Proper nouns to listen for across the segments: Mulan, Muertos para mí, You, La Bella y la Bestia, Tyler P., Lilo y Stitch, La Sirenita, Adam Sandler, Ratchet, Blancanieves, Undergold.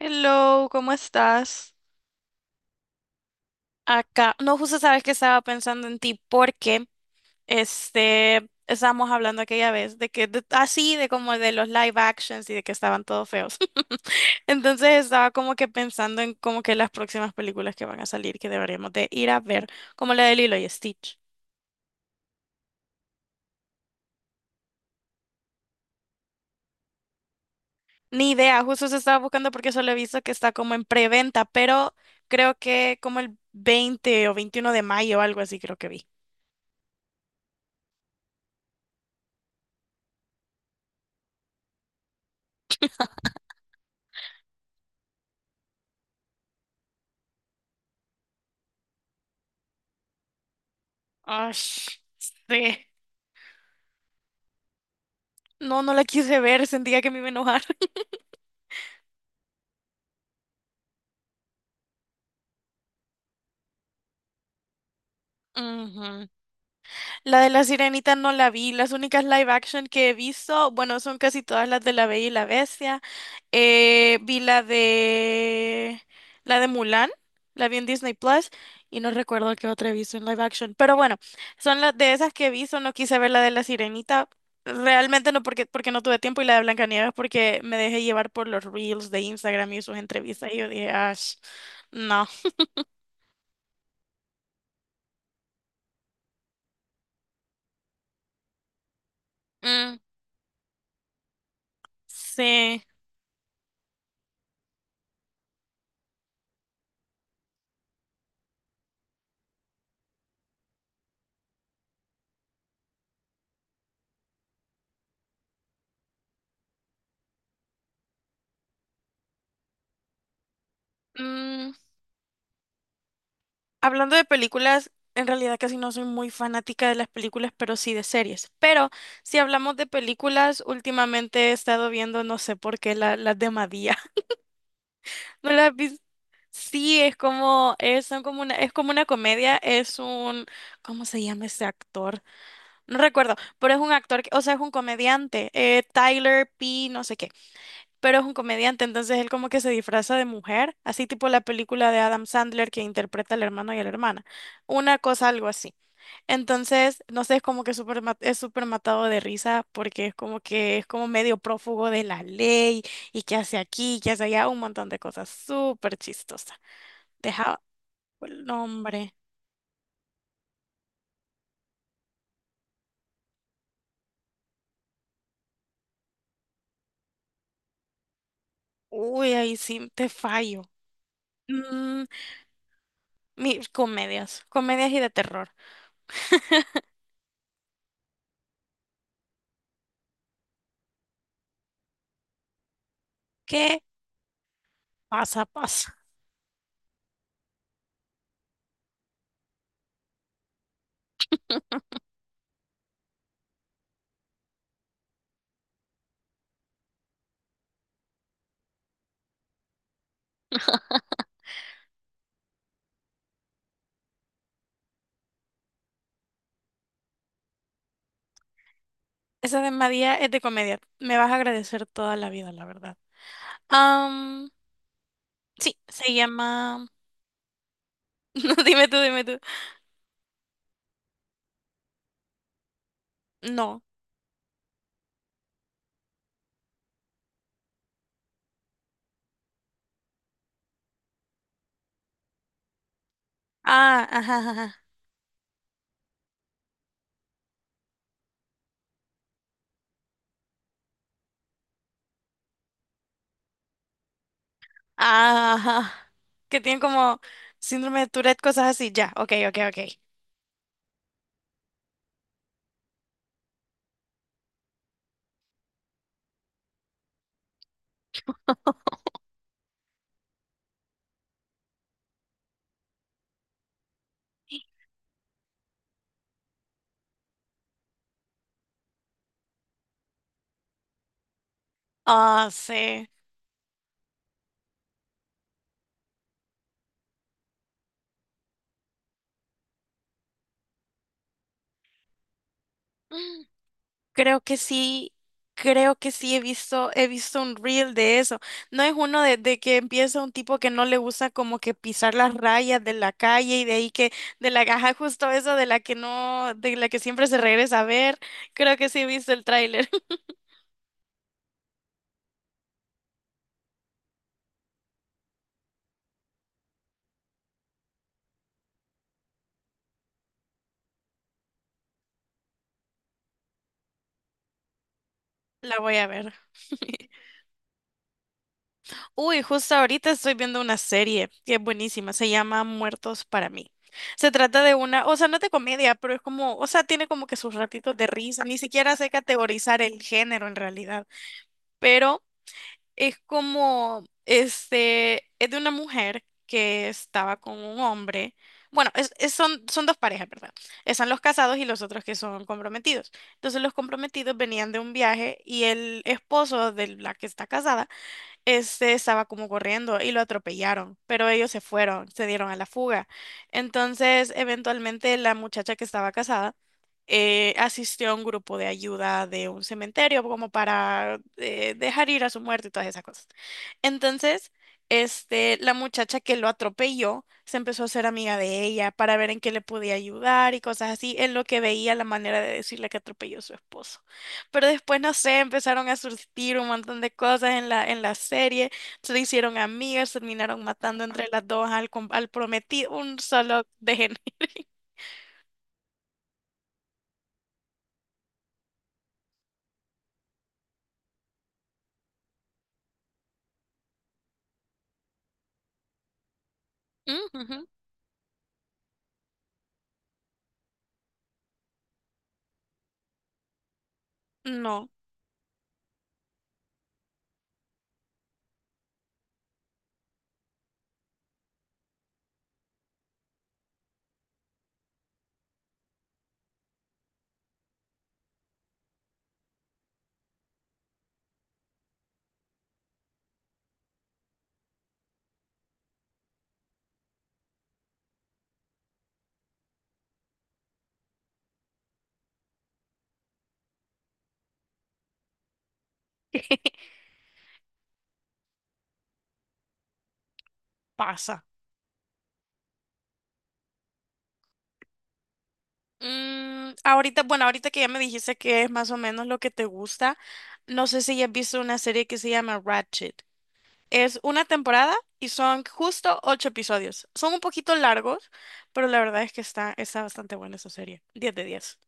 Hello, ¿cómo estás? Acá, no, justo sabes que estaba pensando en ti porque estábamos hablando aquella vez de que así de como de los live actions y de que estaban todos feos. Entonces estaba como que pensando en como que las próximas películas que van a salir que deberíamos de ir a ver, como la de Lilo y Stitch. Ni idea, justo se estaba buscando porque solo he visto que está como en preventa, pero creo que como el 20 o 21 de mayo o algo así creo que vi. Ay, sí. No, no la quise ver, sentía que me iba a enojar. Ujú. La de la Sirenita no la vi. Las únicas live action que he visto, bueno, son casi todas las de La Bella y la Bestia. Vi la de Mulan, la vi en Disney Plus y no recuerdo qué otra he visto en live action. Pero bueno, son las de esas que vi, solo no quise ver la de la Sirenita. Realmente no porque no tuve tiempo y la de Blancanieves porque me dejé llevar por los reels de Instagram y sus entrevistas y yo dije, "Ash, no." Sí. Mm, hablando de películas, en realidad casi no soy muy fanática de las películas, pero sí de series. Pero si hablamos de películas, últimamente he estado viendo, no sé por qué, las de Madía. ¿No las has visto? Sí, es como, es, son como una, es como una comedia, es un, ¿cómo se llama ese actor? No recuerdo, pero es un actor, que- o sea, es un comediante, Tyler P. no sé qué. Pero es un comediante, entonces él como que se disfraza de mujer, así tipo la película de Adam Sandler que interpreta al hermano y a la hermana, una cosa algo así. Entonces, no sé, es como que súper es súper matado de risa porque es como que es como medio prófugo de la ley y que hace aquí, que hace allá, un montón de cosas súper chistosas. Deja el nombre. Uy, ahí sí te fallo. Mm, mis comedias, comedias y de terror. ¿Qué pasa, pasa? Esa de María es de comedia. Me vas a agradecer toda la vida, la verdad. Am, sí, se llama. No, dime tú, dime tú. No. Ah, ajá, ajá. Ajá. Ajá. Que tienen como síndrome de Tourette, cosas así. Ya, ok, ok, ok. Ah, sí. Creo que sí, creo que sí he visto, un reel de eso. No es uno de que empieza un tipo que no le gusta como que pisar las rayas de la calle y de ahí que, de la caja justo eso de la que no, de la que siempre se regresa a ver. Creo que sí he visto el tráiler. La voy a ver. Uy, justo ahorita estoy viendo una serie que es buenísima, se llama Muertos para mí. Se trata de una, o sea, no es de comedia, pero es como, o sea, tiene como que sus ratitos de risa, ni siquiera sé categorizar el género en realidad. Pero es como, este, es de una mujer que estaba con un hombre. Bueno, son dos parejas, ¿verdad? Están los casados y los otros que son comprometidos. Entonces los comprometidos venían de un viaje y el esposo de la que está casada estaba como corriendo y lo atropellaron, pero ellos se fueron, se dieron a la fuga. Entonces, eventualmente la muchacha que estaba casada asistió a un grupo de ayuda de un cementerio como para dejar ir a su muerto y todas esas cosas. Entonces, la muchacha que lo atropelló se empezó a ser amiga de ella para ver en qué le podía ayudar y cosas así, en lo que veía la manera de decirle que atropelló a su esposo. Pero después, no sé, empezaron a surgir un montón de cosas en la serie, se hicieron amigas, terminaron matando entre las dos al prometido, un solo de gen- No, pasa. Ahorita, bueno, ahorita que ya me dijiste que es más o menos lo que te gusta, no sé si ya has visto una serie que se llama Ratchet. Es una temporada y son justo ocho episodios. Son un poquito largos, pero la verdad es que está bastante buena esa serie. 10 de 10.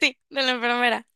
Sí, de la enfermera.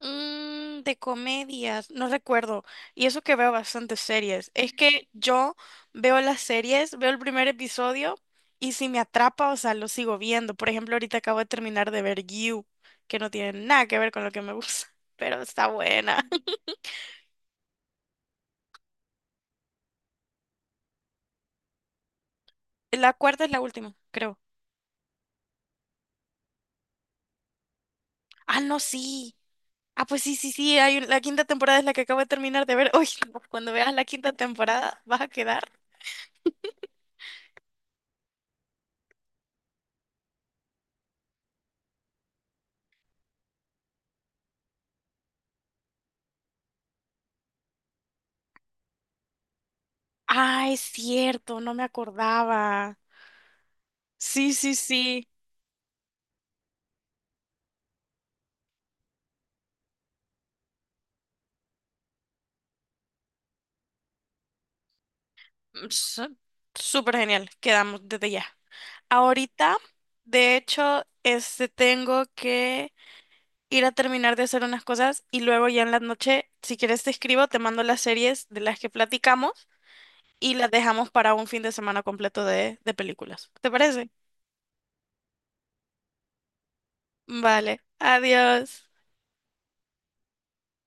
De comedias, no recuerdo. Y eso que veo bastantes series. Es que yo veo las series, veo el primer episodio y si me atrapa, o sea, lo sigo viendo. Por ejemplo, ahorita acabo de terminar de ver You, que no tiene nada que ver con lo que me gusta, pero está buena. La cuarta es la última, creo. Ah, no, sí. Ah, pues sí, sí, sí. Hay la quinta temporada es la que acabo de terminar de ver. Uy, no, cuando veas la quinta temporada, vas a quedar. Ah, es cierto, no me acordaba. Sí, sí, sí. S- Súper genial, quedamos desde ya. Ahorita, de hecho, tengo que ir a terminar de hacer unas cosas y luego ya en la noche, si quieres te escribo, te mando las series de las que platicamos y las dejamos para un fin de semana completo de películas. ¿Te parece? Vale, adiós.